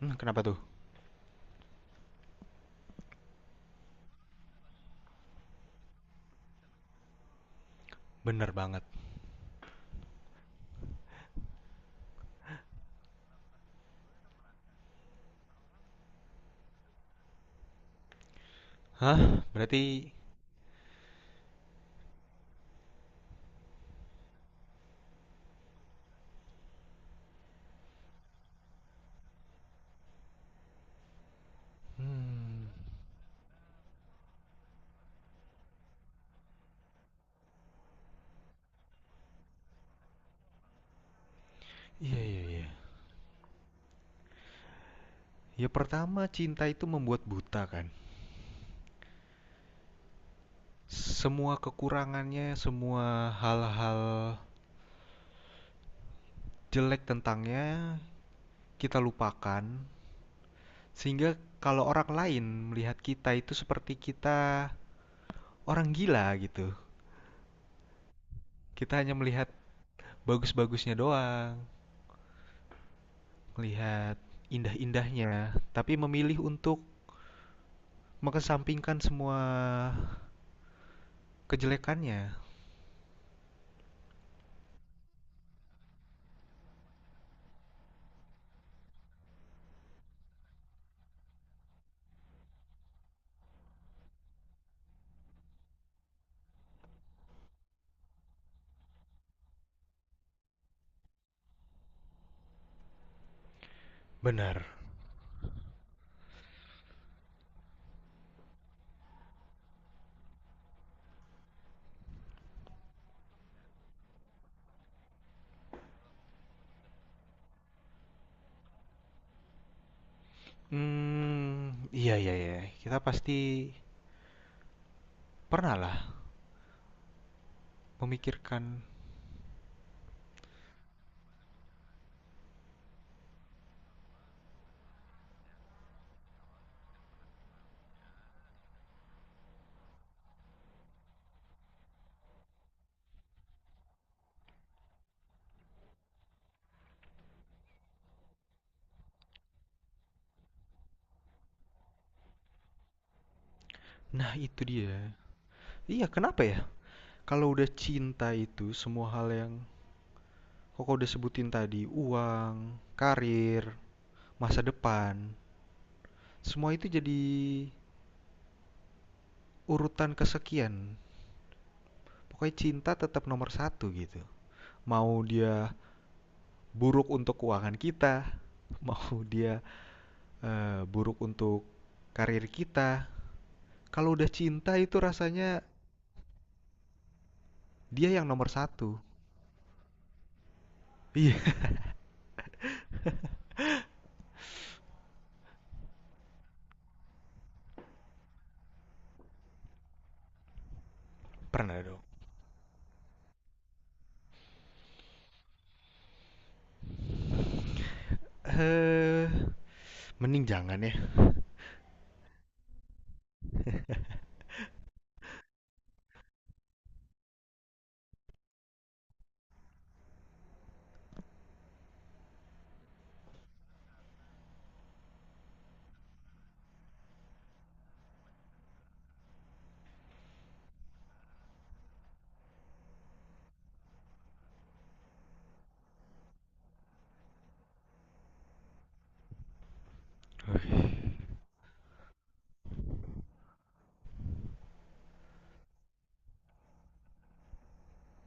Hmm, kenapa tuh? Bener banget. Hah? Berarti... Hmm... Iya, iya, iya. Ya pertama, cinta itu membuat buta kan. Semua kekurangannya, semua hal-hal jelek tentangnya kita lupakan. Sehingga kalau orang lain melihat kita itu seperti kita orang gila gitu. Kita hanya melihat bagus-bagusnya doang, melihat indah-indahnya, tapi memilih untuk mengesampingkan semua kejelekannya. Benar. Iya iya iya, kita pasti pernah lah memikirkan nah itu dia. Iya, kenapa ya? Kalau udah cinta itu semua hal yang Kakak udah sebutin tadi, uang, karir, masa depan, semua itu jadi urutan kesekian. Pokoknya cinta tetap nomor satu gitu. Mau dia buruk untuk keuangan kita, mau dia, buruk untuk karir kita, kalau udah cinta itu rasanya dia yang nomor satu. Iya, pernah dong. eh Mending jangan ya.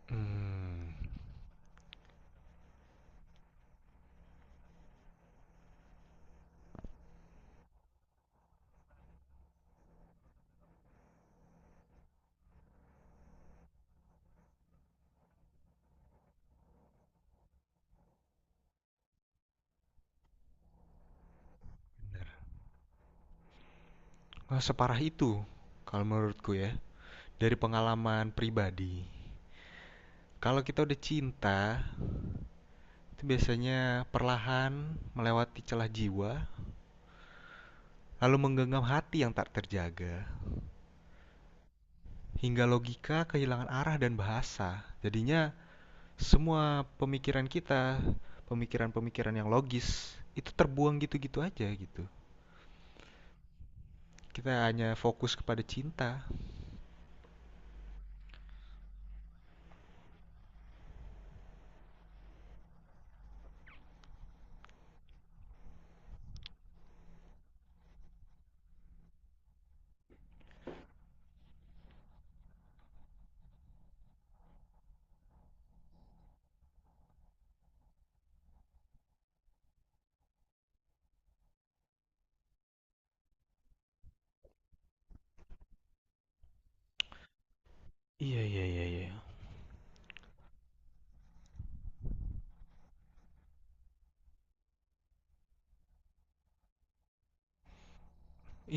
Hmm, wah, separah itu kalau menurutku ya dari pengalaman pribadi. Kalau kita udah cinta, itu biasanya perlahan melewati celah jiwa, lalu menggenggam hati yang tak terjaga, hingga logika kehilangan arah dan bahasa. Jadinya semua pemikiran kita, pemikiran-pemikiran yang logis itu terbuang gitu-gitu aja gitu. Kita hanya fokus kepada cinta. Iya iya iya iya.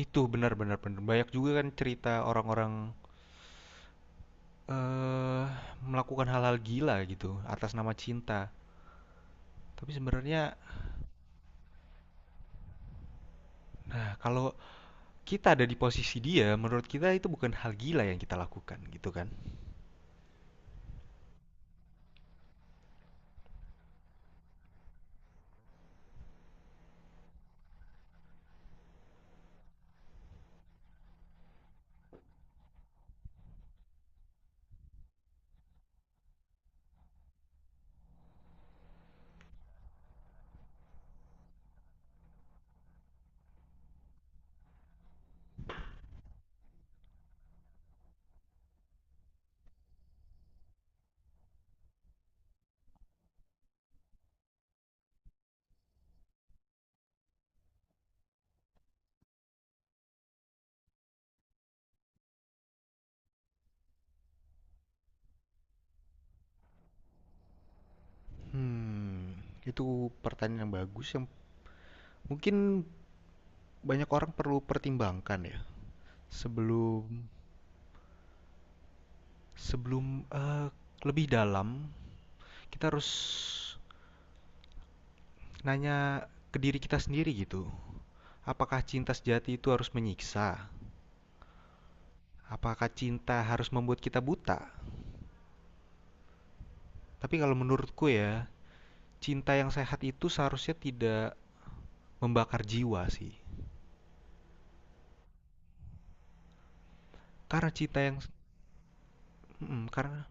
Itu benar-benar benar. Banyak juga kan cerita orang-orang eh melakukan hal-hal gila gitu atas nama cinta. Tapi sebenarnya, nah kalau kita ada di posisi dia, menurut kita itu bukan hal gila yang kita lakukan gitu kan? Hmm, itu pertanyaan yang bagus yang mungkin banyak orang perlu pertimbangkan ya sebelum sebelum eh, lebih dalam kita harus nanya ke diri kita sendiri gitu. Apakah cinta sejati itu harus menyiksa? Apakah cinta harus membuat kita buta? Tapi kalau menurutku ya, cinta yang sehat itu seharusnya tidak membakar jiwa sih. Karena mm, karena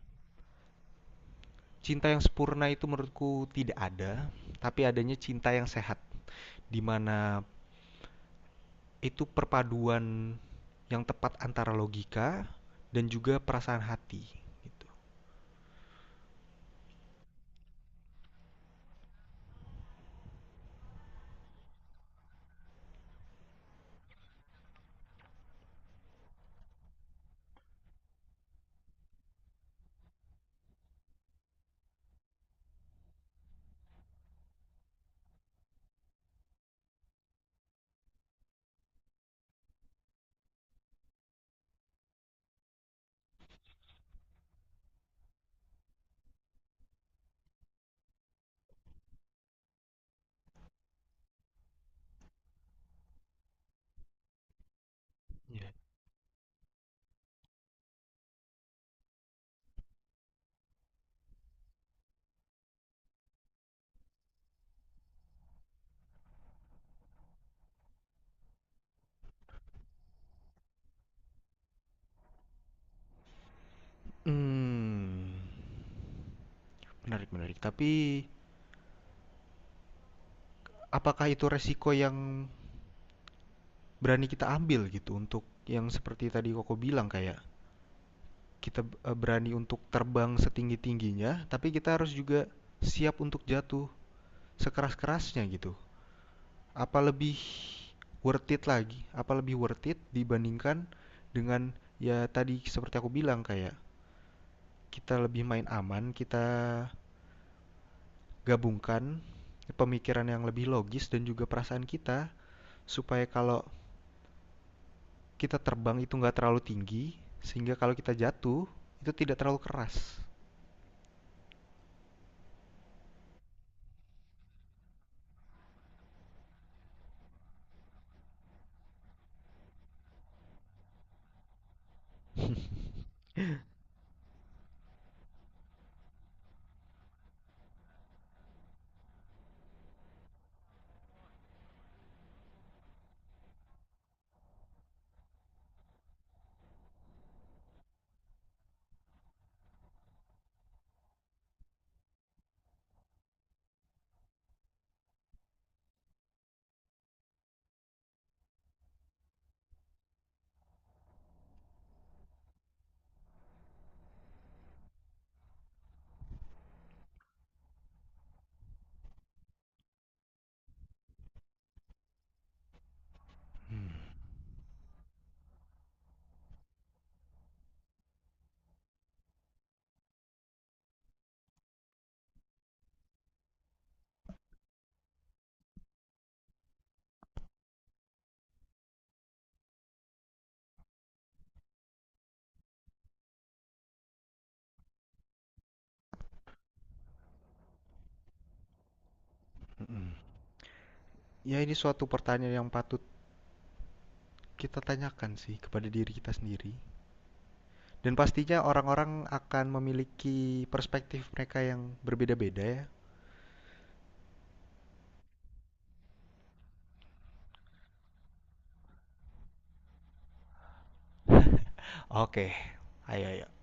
cinta yang sempurna itu menurutku tidak ada, tapi adanya cinta yang sehat di mana itu perpaduan yang tepat antara logika dan juga perasaan hati gitu. Iya. Hmm. Menarik, menarik. Tapi apakah itu resiko yang berani kita ambil gitu untuk yang seperti tadi Koko bilang kayak kita berani untuk terbang setinggi-tingginya, tapi kita harus juga siap untuk jatuh sekeras-kerasnya gitu. Apa lebih worth it lagi? Apa lebih worth it dibandingkan dengan ya tadi seperti aku bilang kayak kita lebih main aman, kita gabungkan pemikiran yang lebih logis dan juga perasaan kita supaya kalau kita terbang itu nggak terlalu tinggi, sehingga kalau kita jatuh itu tidak terlalu keras. Mm-mm. Ya ini suatu pertanyaan yang patut kita tanyakan sih kepada diri kita sendiri. Dan pastinya orang-orang akan memiliki perspektif mereka yang berbeda-beda ya. Oke, ayo ayo.